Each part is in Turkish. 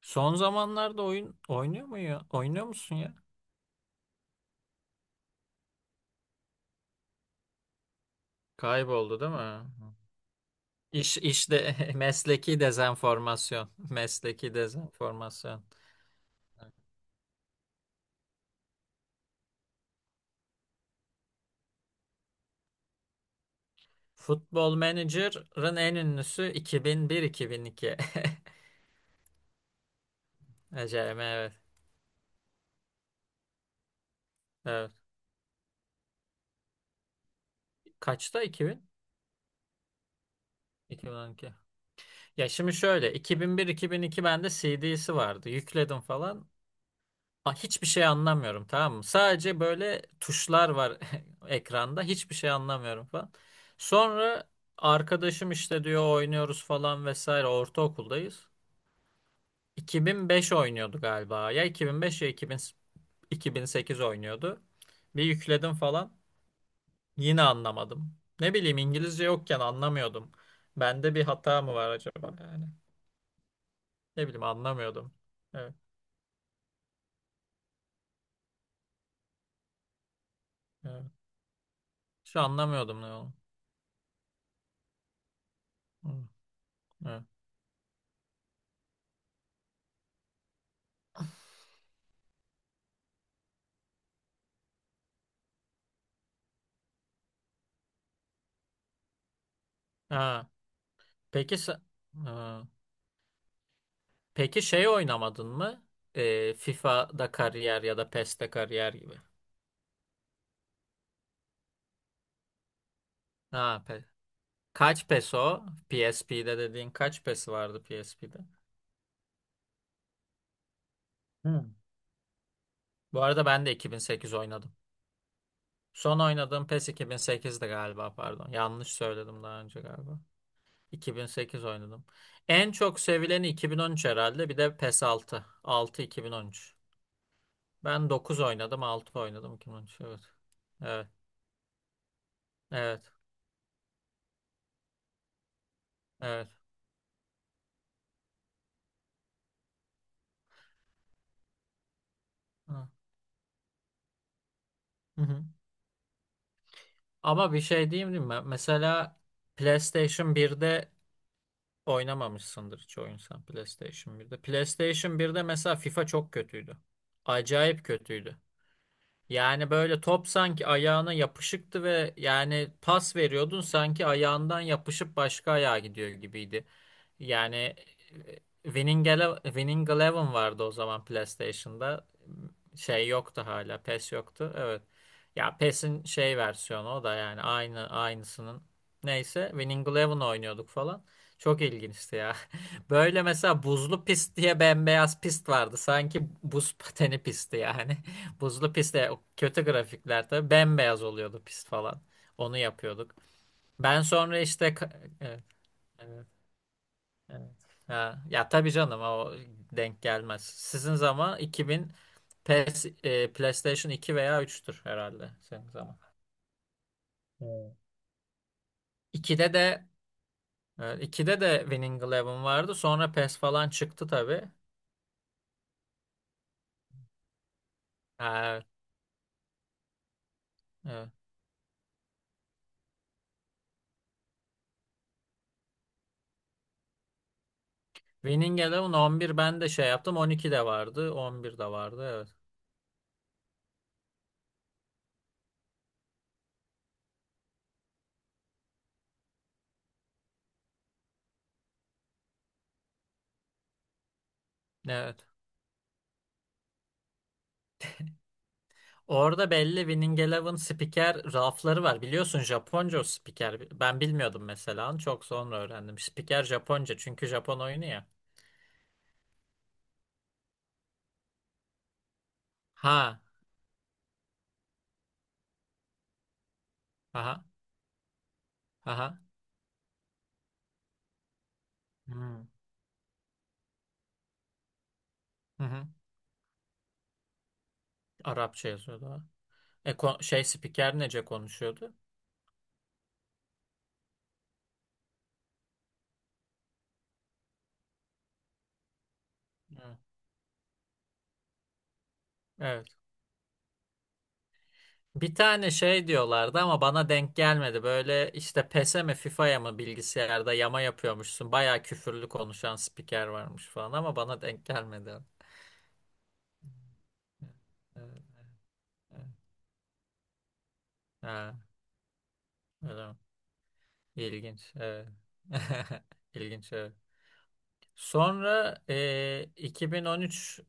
Son zamanlarda oyun oynuyor mu ya? Oynuyor musun ya? Kayboldu değil mi? İş işte mesleki dezenformasyon. Mesleki dezenformasyon. Futbol Manager'ın en ünlüsü 2001-2002. Acayip evet. Evet. Kaçta 2000? 2012. Ya şimdi şöyle 2001-2002 bende CD'si vardı. Yükledim falan. Ha, hiçbir şey anlamıyorum tamam mı? Sadece böyle tuşlar var ekranda. Hiçbir şey anlamıyorum falan. Sonra arkadaşım işte diyor oynuyoruz falan vesaire. Ortaokuldayız. 2005 oynuyordu galiba. Ya 2005 ya 2000, 2008 oynuyordu. Bir yükledim falan. Yine anlamadım. Ne bileyim İngilizce yokken anlamıyordum. Bende bir hata mı var acaba yani? Ne bileyim anlamıyordum. Evet, evet. Şu anlamıyordum ne oldu. Evet. Evet. Ha. Peki se- Ha. Peki şey oynamadın mı? FIFA'da kariyer ya da PES'te kariyer gibi. Ha, kaç PES o? PSP'de dediğin kaç PES vardı PSP'de? Hmm. Bu arada ben de 2008 oynadım. Son oynadığım PES 2008'di galiba pardon. Yanlış söyledim daha önce galiba. 2008 oynadım. En çok sevileni 2013 herhalde. Bir de PES 6. 6 2013. Ben 9 oynadım, 6 oynadım 2013. Evet. Evet. Evet. Evet. Hı hı. Ama bir şey diyeyim değil mi? Mesela PlayStation birde oynamamışsındır hiç oyun sen PlayStation birde. PlayStation birde mesela FIFA çok kötüydü. Acayip kötüydü. Yani böyle top sanki ayağına yapışıktı ve yani pas veriyordun sanki ayağından yapışıp başka ayağa gidiyor gibiydi. Yani Winning Eleven vardı o zaman PlayStation'da. Şey yoktu hala. PES yoktu. Evet. Ya PES'in şey versiyonu o da yani aynı aynısının. Neyse Winning Eleven oynuyorduk falan. Çok ilginçti ya. Böyle mesela buzlu pist diye bembeyaz pist vardı. Sanki buz pateni pisti yani. Buzlu pistte kötü grafikler tabii bembeyaz oluyordu pist falan. Onu yapıyorduk. Ben sonra işte evet, evet. Evet. Ha, ya tabii canım o denk gelmez. Sizin zaman 2000 PS, PlayStation 2 veya 3'tür herhalde senin zaman. Evet. 2'de de 2'de de Winning Eleven vardı. Sonra PES falan çıktı tabii. Ha, evet, evet. Winning Eleven 11 ben de şey yaptım. 12 de vardı. 11 de vardı. Evet. Evet. Orada belli Winning Eleven spiker rafları var. Biliyorsun Japonca o spiker. Ben bilmiyordum mesela. Çok sonra öğrendim. Spiker Japonca çünkü Japon oyunu ya. Ha, aha, aha. Hmm, hı hı. Arapça yazıyordu o. E, şey spiker nece konuşuyordu? Hı, evet. Bir tane şey diyorlardı ama bana denk gelmedi. Böyle işte PES'e mi FIFA'ya mı bilgisayarda yama yapıyormuşsun. Bayağı küfürlü konuşan spiker varmış falan ama bana denk gelmedi. Evet, evet, evet. Ha, öyle mi? İlginç. Evet. İlginç. Evet. Sonra 2013.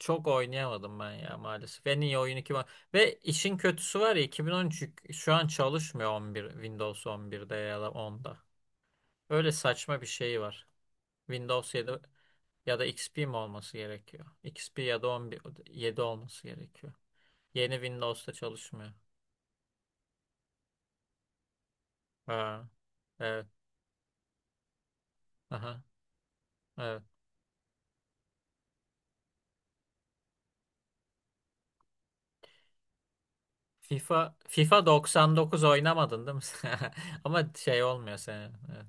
Çok oynayamadım ben ya maalesef. En iyi oyun iki var. Ve işin kötüsü var ya 2013, şu an çalışmıyor 11 Windows 11'de ya da 10'da. Öyle saçma bir şey var. Windows 7 ya da XP mi olması gerekiyor? XP ya da 11 7 olması gerekiyor. Yeni Windows'ta çalışmıyor. Ha. Evet. Aha. Evet. FIFA 99 oynamadın değil mi? Ama şey olmuyor senin. Evet.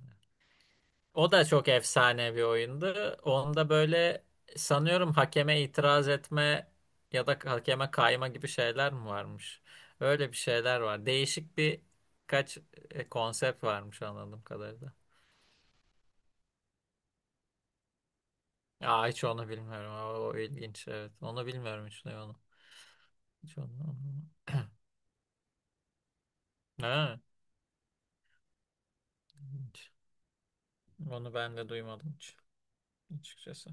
O da çok efsane bir oyundu. Onda böyle sanıyorum hakeme itiraz etme ya da hakeme kayma gibi şeyler mi varmış? Öyle bir şeyler var. Değişik bir kaç konsept varmış anladığım kadarıyla. Aa, hiç onu bilmiyorum. Aa, o, ilginç evet. Onu bilmiyorum hiç ne onu. Hiç onu. Ha, ilginç. Onu ben de duymadım hiç açıkçası.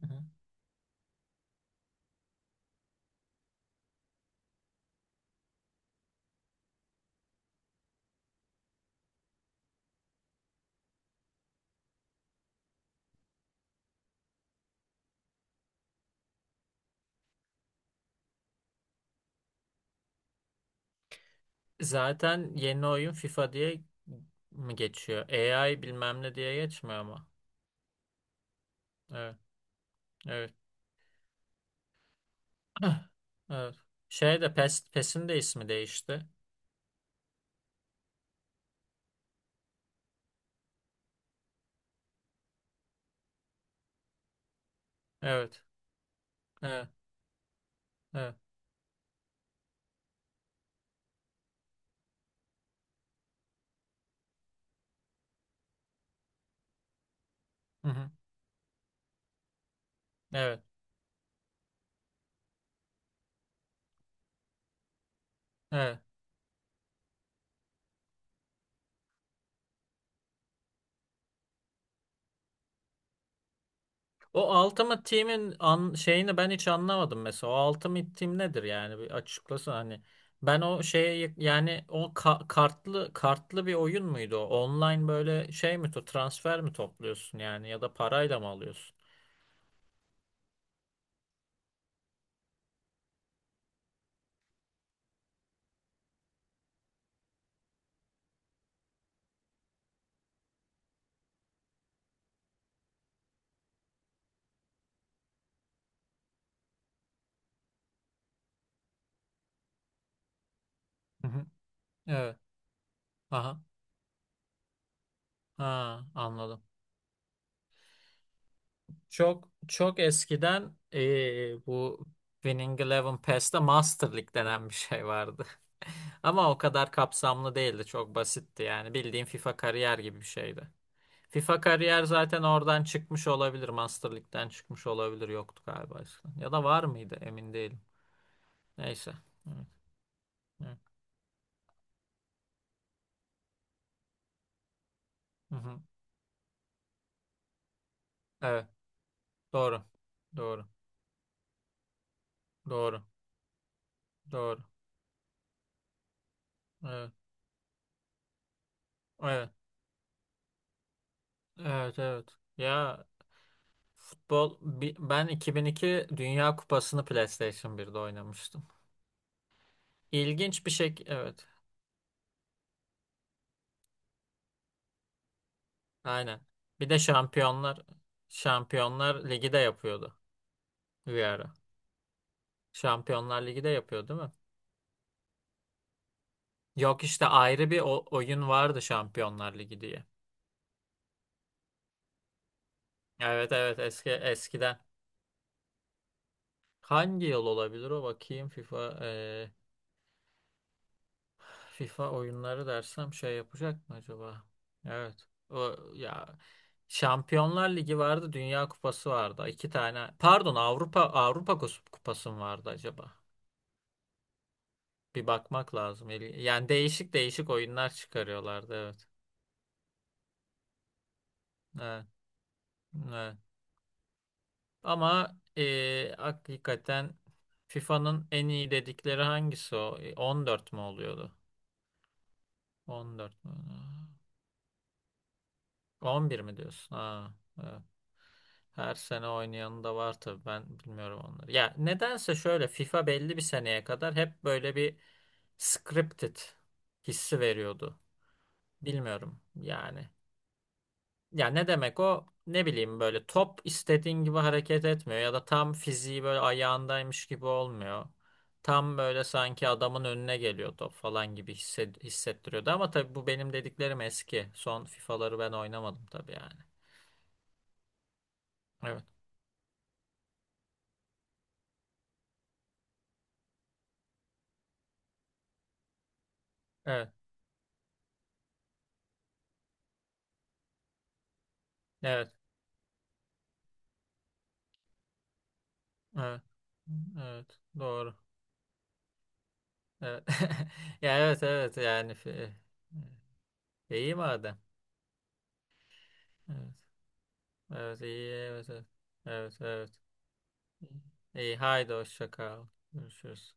Hı hı. Zaten yeni oyun FIFA diye mi geçiyor? AI bilmem ne diye geçmiyor ama. Evet. Evet. Heh, evet. Şey de PES, PES'in de ismi değişti. Evet. Evet. Evet. Hı hı. Evet. Evet. O Ultimate Team'in şeyini ben hiç anlamadım mesela. O Ultimate Team nedir yani? Bir açıklasana hani. Ben o şeye yani o kartlı kartlı bir oyun muydu o? Online böyle şey mi to transfer mi topluyorsun yani ya da parayla mı alıyorsun? Hı hı. Evet. Aha. Ha, anladım. Çok çok eskiden bu Winning Eleven Pass'te Master League denen bir şey vardı. Ama o kadar kapsamlı değildi. Çok basitti yani. Bildiğin FIFA kariyer gibi bir şeydi. FIFA kariyer zaten oradan çıkmış olabilir. Master League'den çıkmış olabilir. Yoktu galiba eskiden. Ya da var mıydı? Emin değilim. Neyse. Evet. Evet. Hı hı. Evet. Doğru. Doğru. Doğru. Doğru. Evet. Evet. Evet. Evet. Ya ben 2002 Dünya Kupası'nı PlayStation birde oynamıştım. İlginç bir şey. Evet. Aynen. Bir de Şampiyonlar Ligi de yapıyordu bir ara. Şampiyonlar Ligi de yapıyor değil mi? Yok işte ayrı bir oyun vardı Şampiyonlar Ligi diye. Evet, evet, eskiden. Hangi yıl olabilir o bakayım FIFA oyunları dersem şey yapacak mı acaba? Evet. O ya Şampiyonlar Ligi vardı, Dünya Kupası vardı. İki tane. Pardon, Avrupa Kupası mı vardı acaba? Bir bakmak lazım. Yani değişik değişik oyunlar çıkarıyorlardı evet. Evet, evet. Ama hakikaten FIFA'nın en iyi dedikleri hangisi o? E, 14 mü oluyordu? 14 mü? 11 mi diyorsun? Ha, evet. Her sene oynayanı da var tabii ben bilmiyorum onları. Ya nedense şöyle FIFA belli bir seneye kadar hep böyle bir scripted hissi veriyordu. Bilmiyorum yani. Ya ne demek o? Ne bileyim böyle top istediğin gibi hareket etmiyor ya da tam fiziği böyle ayağındaymış gibi olmuyor. Tam böyle sanki adamın önüne geliyor top falan gibi hissettiriyordu. Ama tabii bu benim dediklerim eski. Son FIFA'ları ben oynamadım tabii yani. Evet. Evet. Evet. Evet. Evet. Doğru. Evet. Ya evet, evet yani iyi madem. Evet. Evet iyi, evet, evet. Evet, evet. İyi haydi hoşça kal. Görüşürüz.